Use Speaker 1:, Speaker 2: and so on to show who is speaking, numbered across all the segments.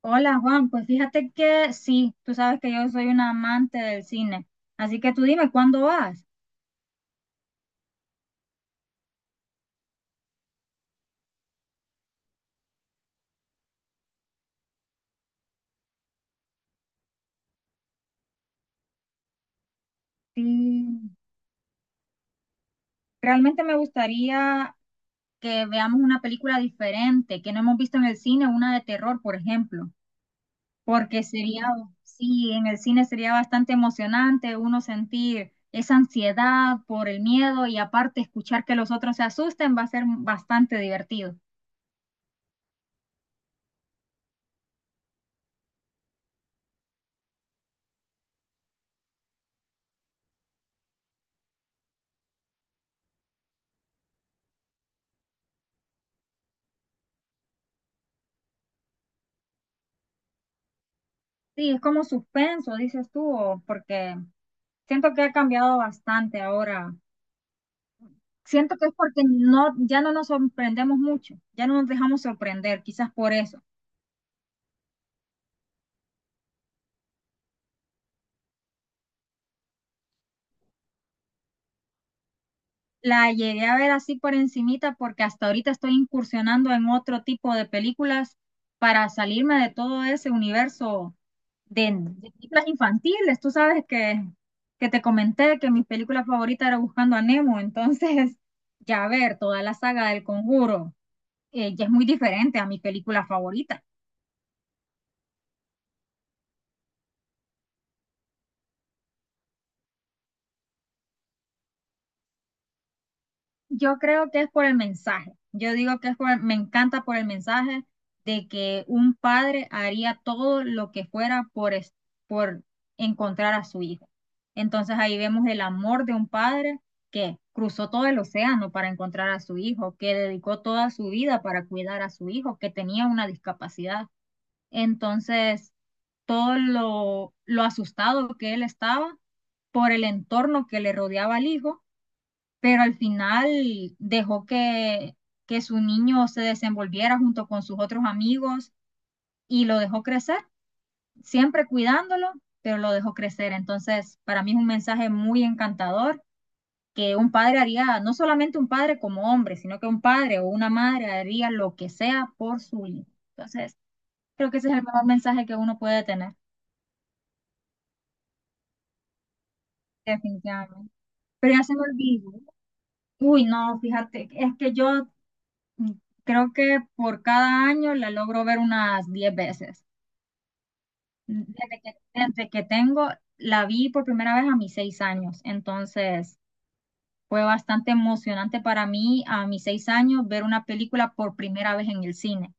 Speaker 1: Hola Juan, pues fíjate que sí, tú sabes que yo soy una amante del cine, así que tú dime cuándo vas. Sí, realmente me gustaría que veamos una película diferente, que no hemos visto en el cine, una de terror, por ejemplo, porque sería, sí, en el cine sería bastante emocionante uno sentir esa ansiedad por el miedo y aparte escuchar que los otros se asusten va a ser bastante divertido. Sí, es como suspenso, dices tú, o porque siento que ha cambiado bastante ahora. Siento que es porque no, ya no nos sorprendemos mucho, ya no nos dejamos sorprender, quizás por eso. La llegué a ver así por encimita porque hasta ahorita estoy incursionando en otro tipo de películas para salirme de todo ese universo de películas infantiles. Tú sabes que te comenté que mi película favorita era Buscando a Nemo, entonces ya ver toda la saga del Conjuro ya es muy diferente a mi película favorita. Yo creo que es por el mensaje. Yo digo que es por, me encanta por el mensaje de que un padre haría todo lo que fuera por, por encontrar a su hijo. Entonces ahí vemos el amor de un padre que cruzó todo el océano para encontrar a su hijo, que dedicó toda su vida para cuidar a su hijo, que tenía una discapacidad. Entonces, todo lo asustado que él estaba por el entorno que le rodeaba al hijo, pero al final dejó que su niño se desenvolviera junto con sus otros amigos y lo dejó crecer, siempre cuidándolo, pero lo dejó crecer. Entonces, para mí es un mensaje muy encantador que un padre haría, no solamente un padre como hombre, sino que un padre o una madre haría lo que sea por su hijo. Entonces, creo que ese es el mejor mensaje que uno puede tener, definitivamente. Pero ya se me olvidó. Uy, no, fíjate, es que yo Mm, creo que por cada año la logro ver unas 10 veces. Desde que tengo, la vi por primera vez a mis 6 años, entonces fue bastante emocionante para mí a mis 6 años ver una película por primera vez en el cine.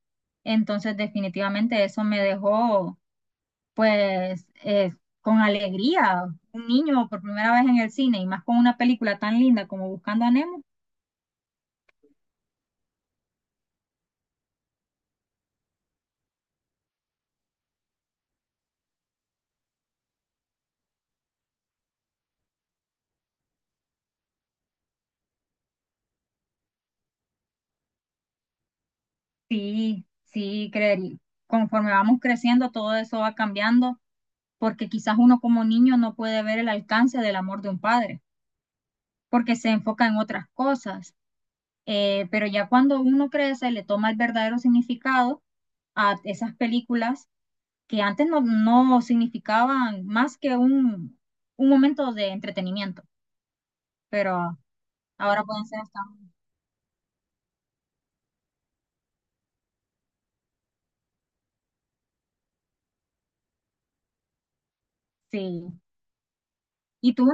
Speaker 1: Entonces definitivamente eso me dejó pues con alegría. Un niño por primera vez en el cine y más con una película tan linda como Buscando a Nemo, sí, sí, creería conforme vamos creciendo, todo eso va cambiando porque quizás uno como niño no puede ver el alcance del amor de un padre, porque se enfoca en otras cosas. Pero ya cuando uno crece, le toma el verdadero significado a esas películas que antes no significaban más que un momento de entretenimiento, pero ahora pueden ser hasta... Sí. ¿Y tú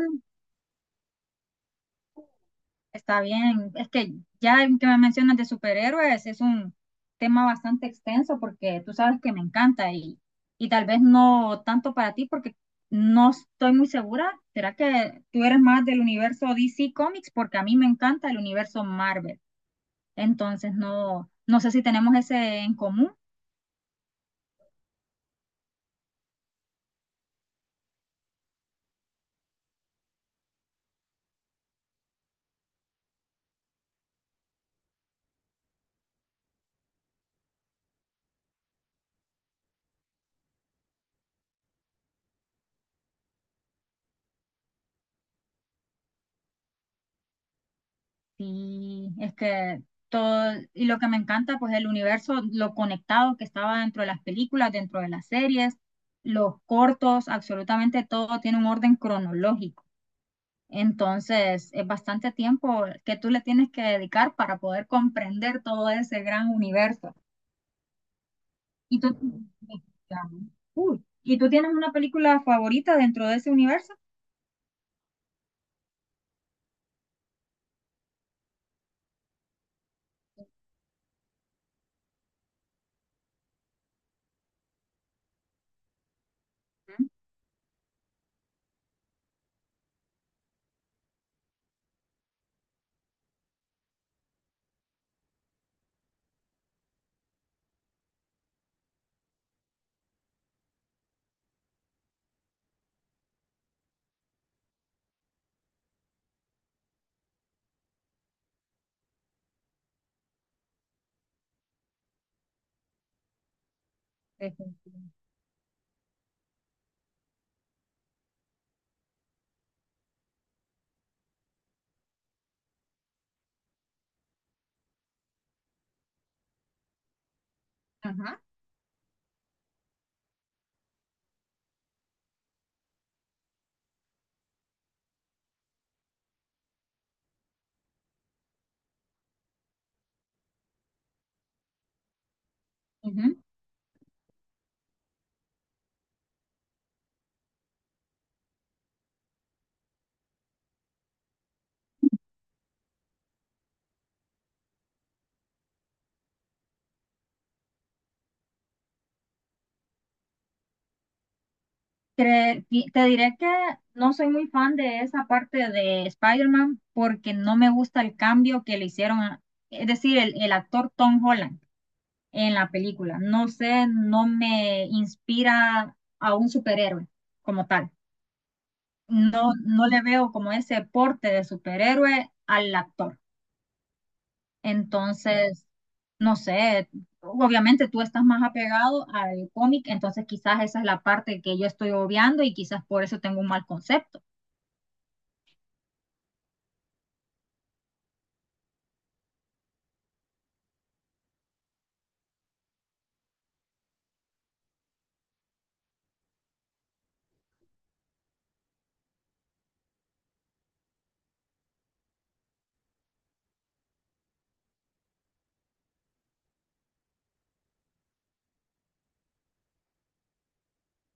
Speaker 1: Está bien, es que ya el que me mencionas de superhéroes es un tema bastante extenso porque tú sabes que me encanta y tal vez no tanto para ti porque no estoy muy segura. ¿Será que tú eres más del universo DC Comics? Porque a mí me encanta el universo Marvel. Entonces no, no sé si tenemos ese en común. Sí, es que todo, y lo que me encanta, pues el universo, lo conectado que estaba dentro de las películas, dentro de las series, los cortos, absolutamente todo tiene un orden cronológico. Entonces, es bastante tiempo que tú le tienes que dedicar para poder comprender todo ese gran universo. Y tú, Uy, ¿y tú tienes una película favorita dentro de ese universo? Ujú, definitivamente. Ajá. Ujú. Te diré que no soy muy fan de esa parte de Spider-Man porque no me gusta el cambio que le hicieron, es decir, el actor Tom Holland en la película. No sé, no me inspira a un superhéroe como tal. No, no le veo como ese porte de superhéroe al actor. Entonces, no sé, obviamente tú estás más apegado al cómic, entonces quizás esa es la parte que yo estoy obviando y quizás por eso tengo un mal concepto.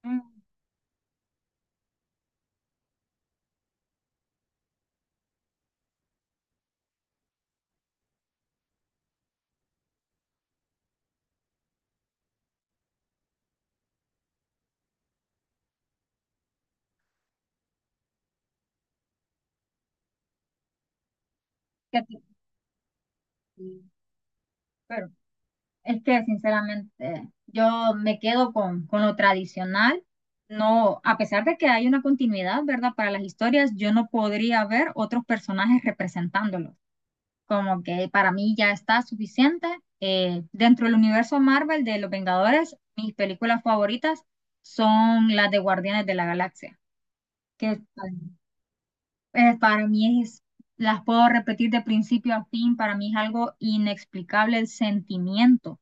Speaker 1: Mm, que te- sí, pero es que sinceramente yo me quedo con lo tradicional. No, a pesar de que hay una continuidad, ¿verdad? Para las historias, yo no podría ver otros personajes representándolos. Como que para mí ya está suficiente. Dentro del universo Marvel de Los Vengadores, mis películas favoritas son las de Guardianes de la Galaxia, que para mí es, las puedo repetir de principio a fin, para mí es algo inexplicable el sentimiento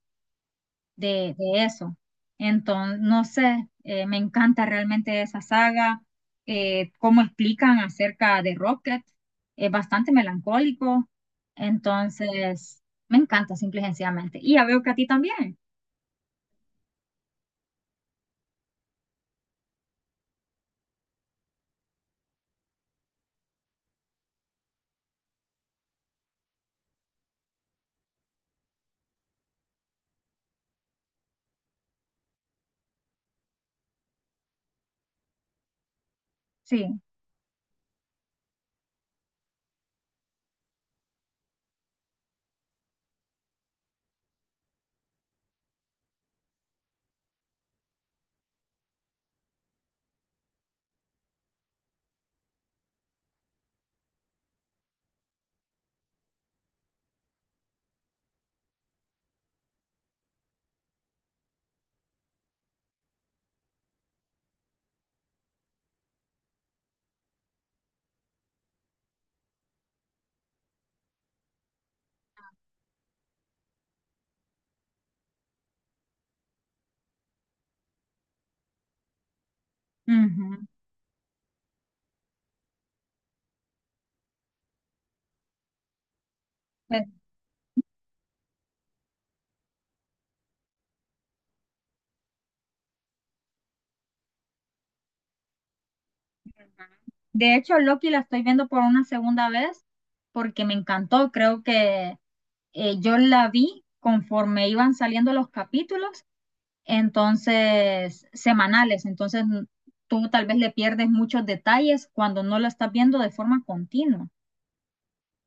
Speaker 1: de eso. Entonces, no sé, me encanta realmente esa saga, cómo explican acerca de Rocket, es bastante melancólico, entonces me encanta simple y sencillamente. Y ya veo que a ti también, sí. Ujú. Pues, de hecho, Loki la estoy viendo por una segunda vez porque me encantó, creo que yo la vi conforme iban saliendo los capítulos, entonces semanales, entonces tú tal vez le pierdes muchos detalles cuando no la estás viendo de forma continua.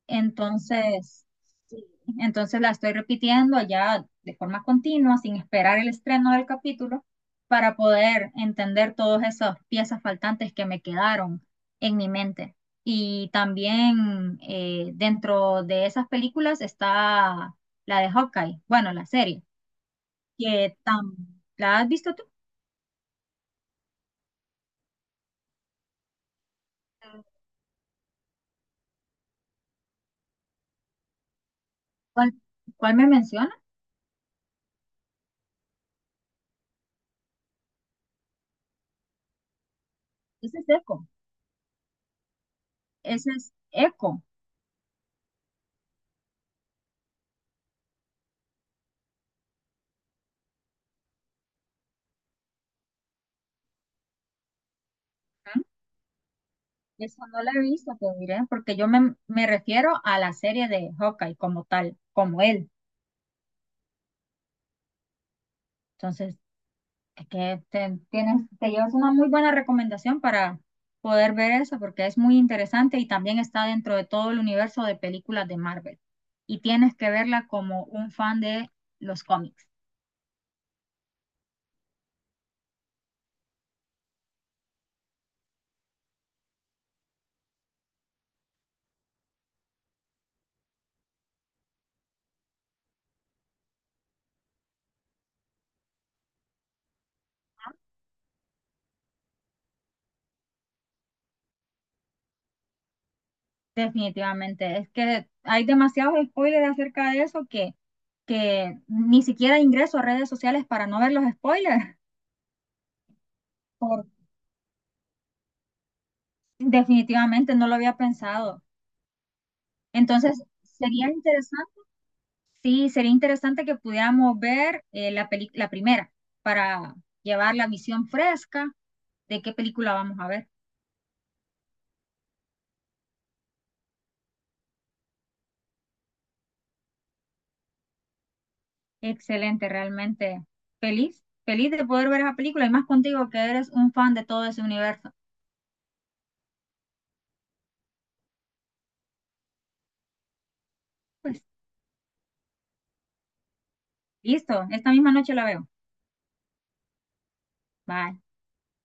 Speaker 1: Entonces, sí, entonces la estoy repitiendo ya de forma continua, sin esperar el estreno del capítulo, para poder entender todas esas piezas faltantes que me quedaron en mi mente. Y también dentro de esas películas está la de Hawkeye, bueno, la serie, que tam- ¿la has visto tú? ¿Cuál, cuál me menciona? Ese es Echo. Ese es Echo. Eso no lo he visto, pues miré, porque yo me refiero a la serie de Hawkeye como tal, como él. Entonces, es que te llevas una muy buena recomendación para poder ver eso, porque es muy interesante y también está dentro de todo el universo de películas de Marvel. Y tienes que verla como un fan de los cómics, definitivamente. Es que hay demasiados spoilers acerca de eso que ni siquiera ingreso a redes sociales para no ver los spoilers Definitivamente, no lo había pensado. Entonces, sería interesante, sí, sería interesante que pudiéramos ver la primera para llevar la visión fresca de qué película vamos a ver. Excelente, realmente feliz, feliz de poder ver esa película y más contigo que eres un fan de todo ese universo. Pues listo, esta misma noche la veo. Bye.